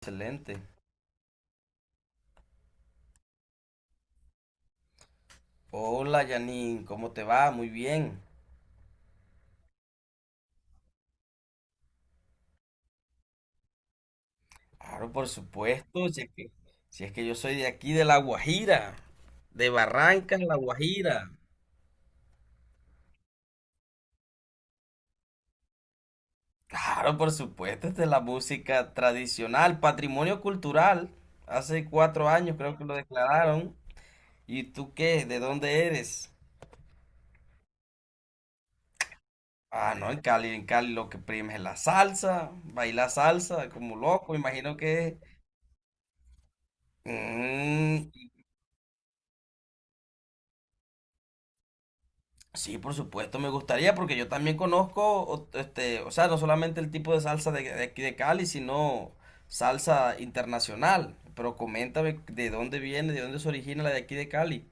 Excelente. Hola, Janine, ¿cómo te va? Muy bien. Claro, por supuesto, si es que yo soy de aquí, de La Guajira, de Barrancas, La Guajira. Claro, por supuesto, esta es la música tradicional, patrimonio cultural. Hace 4 años creo que lo declararon. ¿Y tú qué? ¿De dónde eres? Ah, no, en Cali lo que prima es la salsa, bailar salsa como loco, imagino que es. Mm. Sí, por supuesto, me gustaría porque yo también conozco, este, o sea, no solamente el tipo de salsa de aquí de Cali, sino salsa internacional. Pero coméntame de dónde viene, de dónde se origina la de aquí de Cali.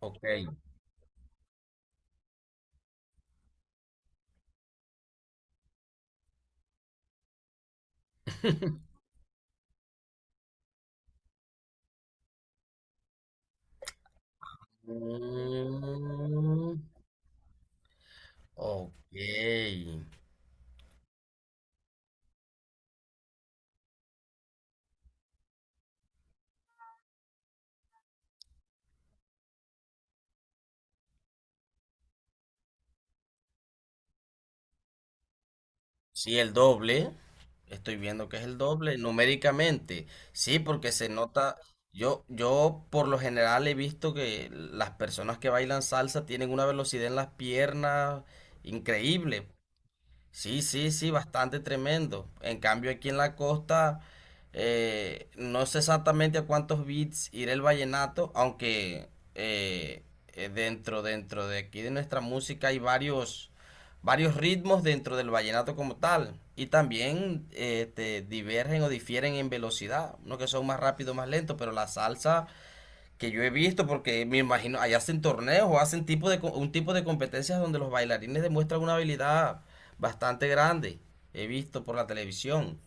Ok. Mm, ok. Sí, el doble. Estoy viendo que es el doble numéricamente. Sí, porque se nota. Yo por lo general he visto que las personas que bailan salsa tienen una velocidad en las piernas increíble. Sí, sí, sí, bastante tremendo. En cambio, aquí en la costa, no sé exactamente a cuántos bits irá el vallenato, aunque eh, dentro de aquí de nuestra música hay varios ritmos dentro del vallenato como tal. Y también este, divergen o difieren en velocidad, unos que son más rápidos, más lentos, pero la salsa que yo he visto, porque me imagino, allá hacen torneos o hacen tipo de, un tipo de competencias donde los bailarines demuestran una habilidad bastante grande. He visto por la televisión.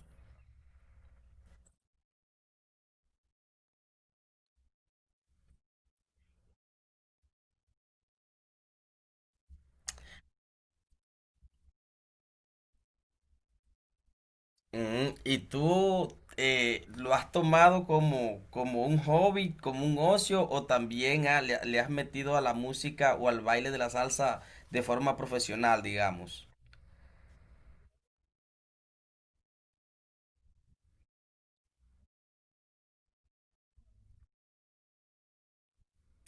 Ujú. ¿Y tú lo has tomado como, como un hobby, como un ocio, o también ah, le has metido a la música o al baile de la salsa de forma profesional, digamos?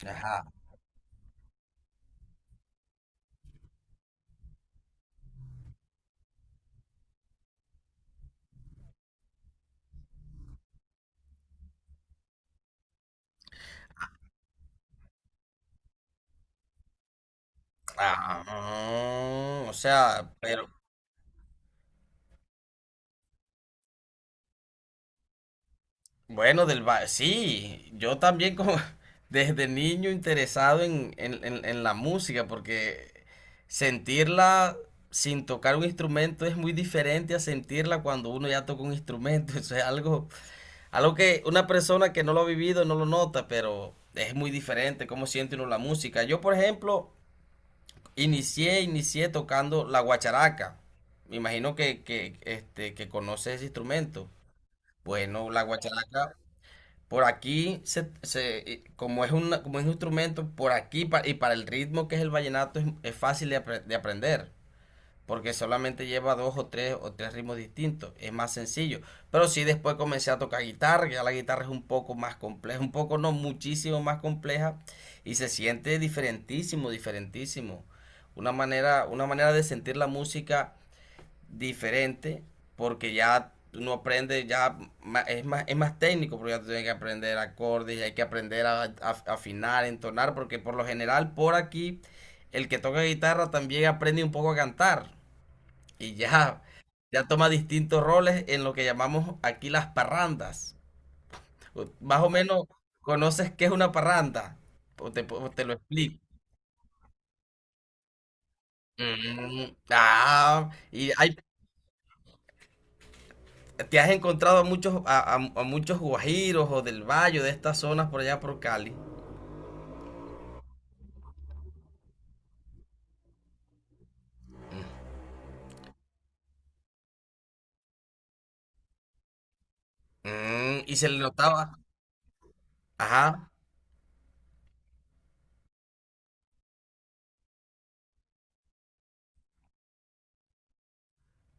Ajá. Ah, o sea, pero bueno, sí, yo también como desde niño interesado en, en la música, porque sentirla sin tocar un instrumento es muy diferente a sentirla cuando uno ya toca un instrumento. Eso es algo, algo que una persona que no lo ha vivido no lo nota, pero es muy diferente cómo siente uno la música. Yo, por ejemplo, inicié tocando la guacharaca. Me imagino que, este, que conoces ese instrumento. Bueno, la guacharaca. Por aquí, se, como es una, como es un instrumento, por aquí y para el ritmo que es el vallenato es fácil de, de aprender, porque solamente lleva 2 o 3 o 3 ritmos distintos, es más sencillo. Pero sí después comencé a tocar guitarra, ya la guitarra es un poco más compleja, un poco no, muchísimo más compleja y se siente diferentísimo, diferentísimo. Una manera de sentir la música diferente porque ya uno aprende, es más técnico porque ya tú tienes que aprender acordes y hay que aprender a afinar, entonar, porque por lo general por aquí el que toca guitarra también aprende un poco a cantar y ya, ya toma distintos roles en lo que llamamos aquí las parrandas. Más o menos conoces qué es una parranda o o te lo explico. Mm, ah, y hay, ¿te has encontrado a muchos, a muchos guajiros o del valle, de estas zonas por allá por Cali? Mm, y se le notaba, ajá,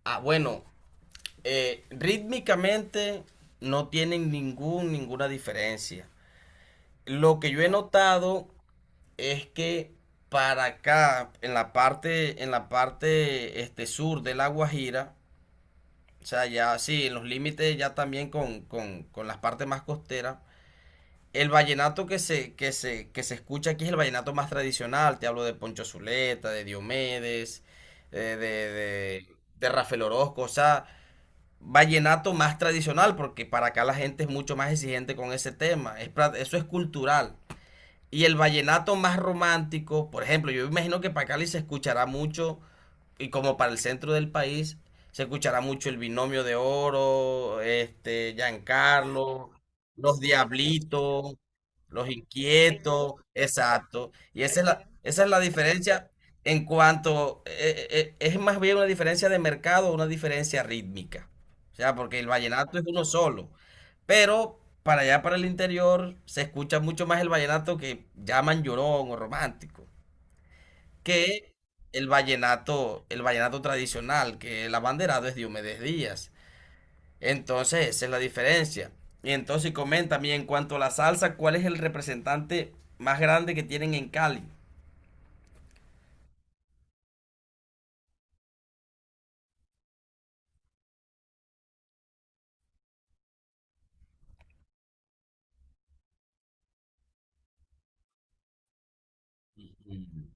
ah, bueno, rítmicamente no tienen ninguna diferencia. Lo que yo he notado es que para acá, en la parte este, sur de La Guajira, o sea, ya sí, en los límites ya también con, con las partes más costeras, el vallenato que se, que se escucha aquí es el vallenato más tradicional. Te hablo de Poncho Zuleta, de Diomedes, de, de Rafael Orozco. O sea, vallenato más tradicional, porque para acá la gente es mucho más exigente con ese tema. Es eso es cultural. Y el vallenato más romántico, por ejemplo, yo imagino que para Cali se escuchará mucho, y como para el centro del país, se escuchará mucho el Binomio de Oro, este, Giancarlo, los Diablitos, los Inquietos, exacto. Y esa es la diferencia en cuanto, es más bien una diferencia de mercado, una diferencia rítmica. O sea, porque el vallenato es uno solo. Pero para allá, para el interior, se escucha mucho más el vallenato que llaman llorón o romántico, que el vallenato tradicional, que el abanderado es Diomedes Díaz. Entonces, esa es la diferencia. Y entonces, coméntame, y en cuanto a la salsa, ¿cuál es el representante más grande que tienen en Cali? Mm.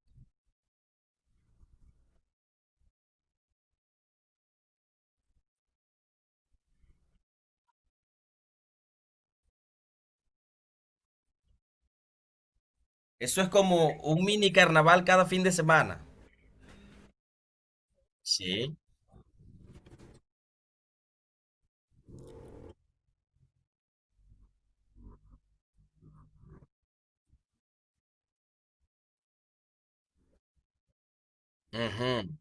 Eso es como un mini carnaval cada fin de semana. Sí. Ujú,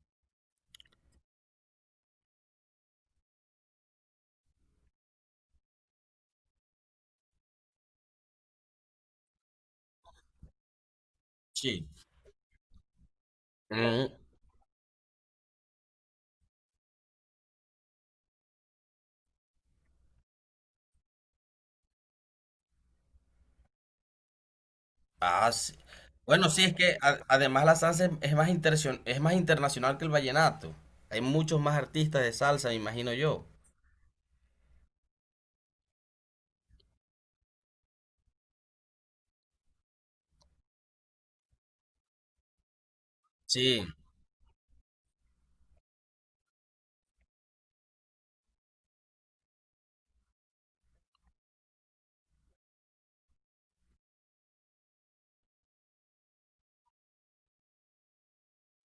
sí. Ah, sí. Bueno, sí, es que además la salsa es más es más internacional que el vallenato. Hay muchos más artistas de salsa, me imagino yo. Sí,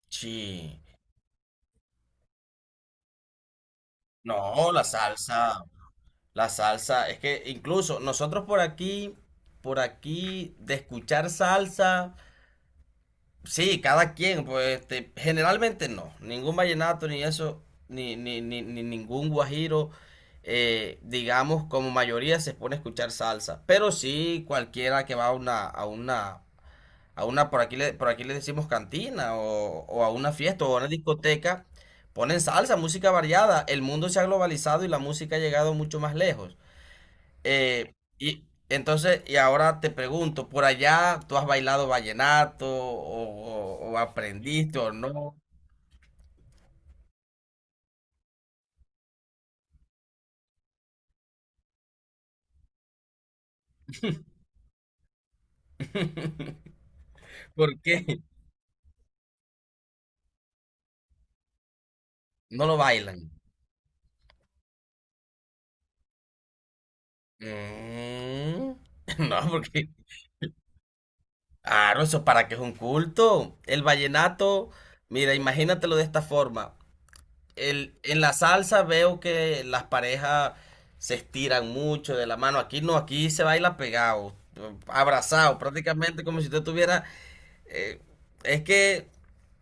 sí. No, la salsa, es que incluso nosotros por aquí, de escuchar salsa. Sí, cada quien, pues este, generalmente no. Ningún vallenato, ni eso, ni ningún guajiro, digamos, como mayoría se pone a escuchar salsa. Pero sí, cualquiera que va a una, a una, por aquí le decimos cantina, o a una fiesta, o a una discoteca, ponen salsa, música variada. El mundo se ha globalizado y la música ha llegado mucho más lejos. Y entonces, y ahora te pregunto, ¿por allá tú has bailado vallenato o, o aprendiste o no? ¿Por qué? No lo bailan. Mm, no, porque, claro, eso para que es un culto. El vallenato, mira, imagínatelo de esta forma. El, en la salsa veo que las parejas se estiran mucho de la mano. Aquí no, aquí se baila pegado, abrazado, prácticamente como si usted tuviera eh, es que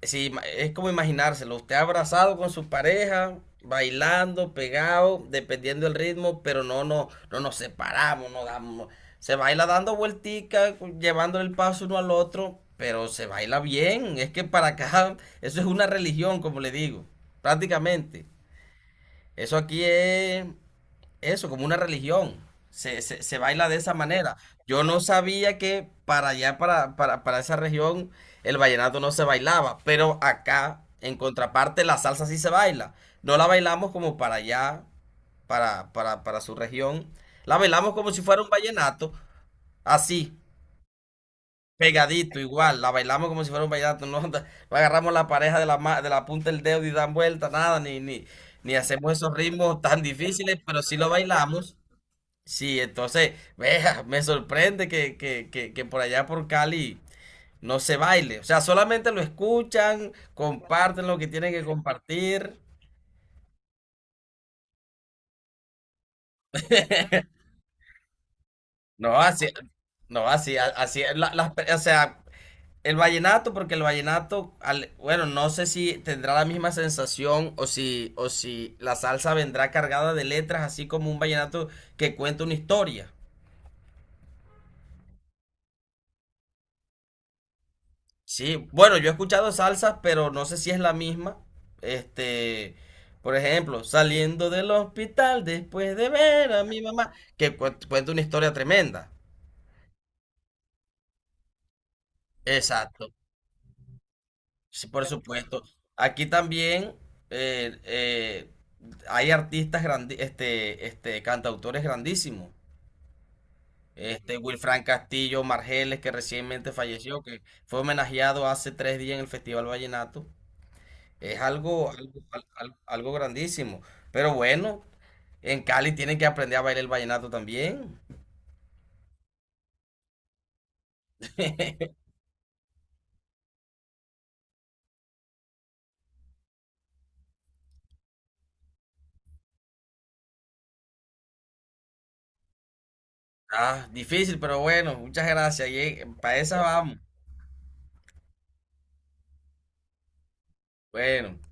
si es como imaginárselo. Usted abrazado con su pareja, bailando, pegado, dependiendo del ritmo, pero no, no, no nos separamos, no damos. Se baila dando vuelticas, llevándole el paso uno al otro, pero se baila bien. Es que para acá, eso es una religión, como le digo, prácticamente. Eso aquí es eso, como una religión. Se, se baila de esa manera. Yo no sabía que para allá, para esa región, el vallenato no se bailaba, pero acá, en contraparte, la salsa sí se baila. No la bailamos como para allá, para su región. La bailamos como si fuera un vallenato, así, pegadito, igual. La bailamos como si fuera un vallenato. No, no agarramos la pareja de la, de la punta del dedo y dan vuelta, nada, ni hacemos esos ritmos tan difíciles, pero sí lo bailamos. Sí, entonces, vea, me sorprende que, que por allá por Cali no se baile. O sea, solamente lo escuchan, comparten lo que tienen que compartir. No, así, no, así, así, o sea, el vallenato, porque el vallenato, bueno, no sé si tendrá la misma sensación o si la salsa vendrá cargada de letras, así como un vallenato que cuenta una historia. Sí, bueno, yo he escuchado salsas, pero no sé si es la misma. Este, por ejemplo, saliendo del hospital después de ver a mi mamá, que cuenta una historia tremenda. Exacto, sí, por supuesto. Aquí también eh, eh, hay artistas este, este, cantautores grandísimos. Este, Wilfran Castillo Margeles, que recientemente falleció, que fue homenajeado hace 3 días en el Festival Vallenato. Es algo, algo, algo grandísimo. Pero bueno, en Cali tienen que aprender a bailar el vallenato también. Ah, difícil, pero bueno, muchas gracias. Y para esa vamos. Bueno.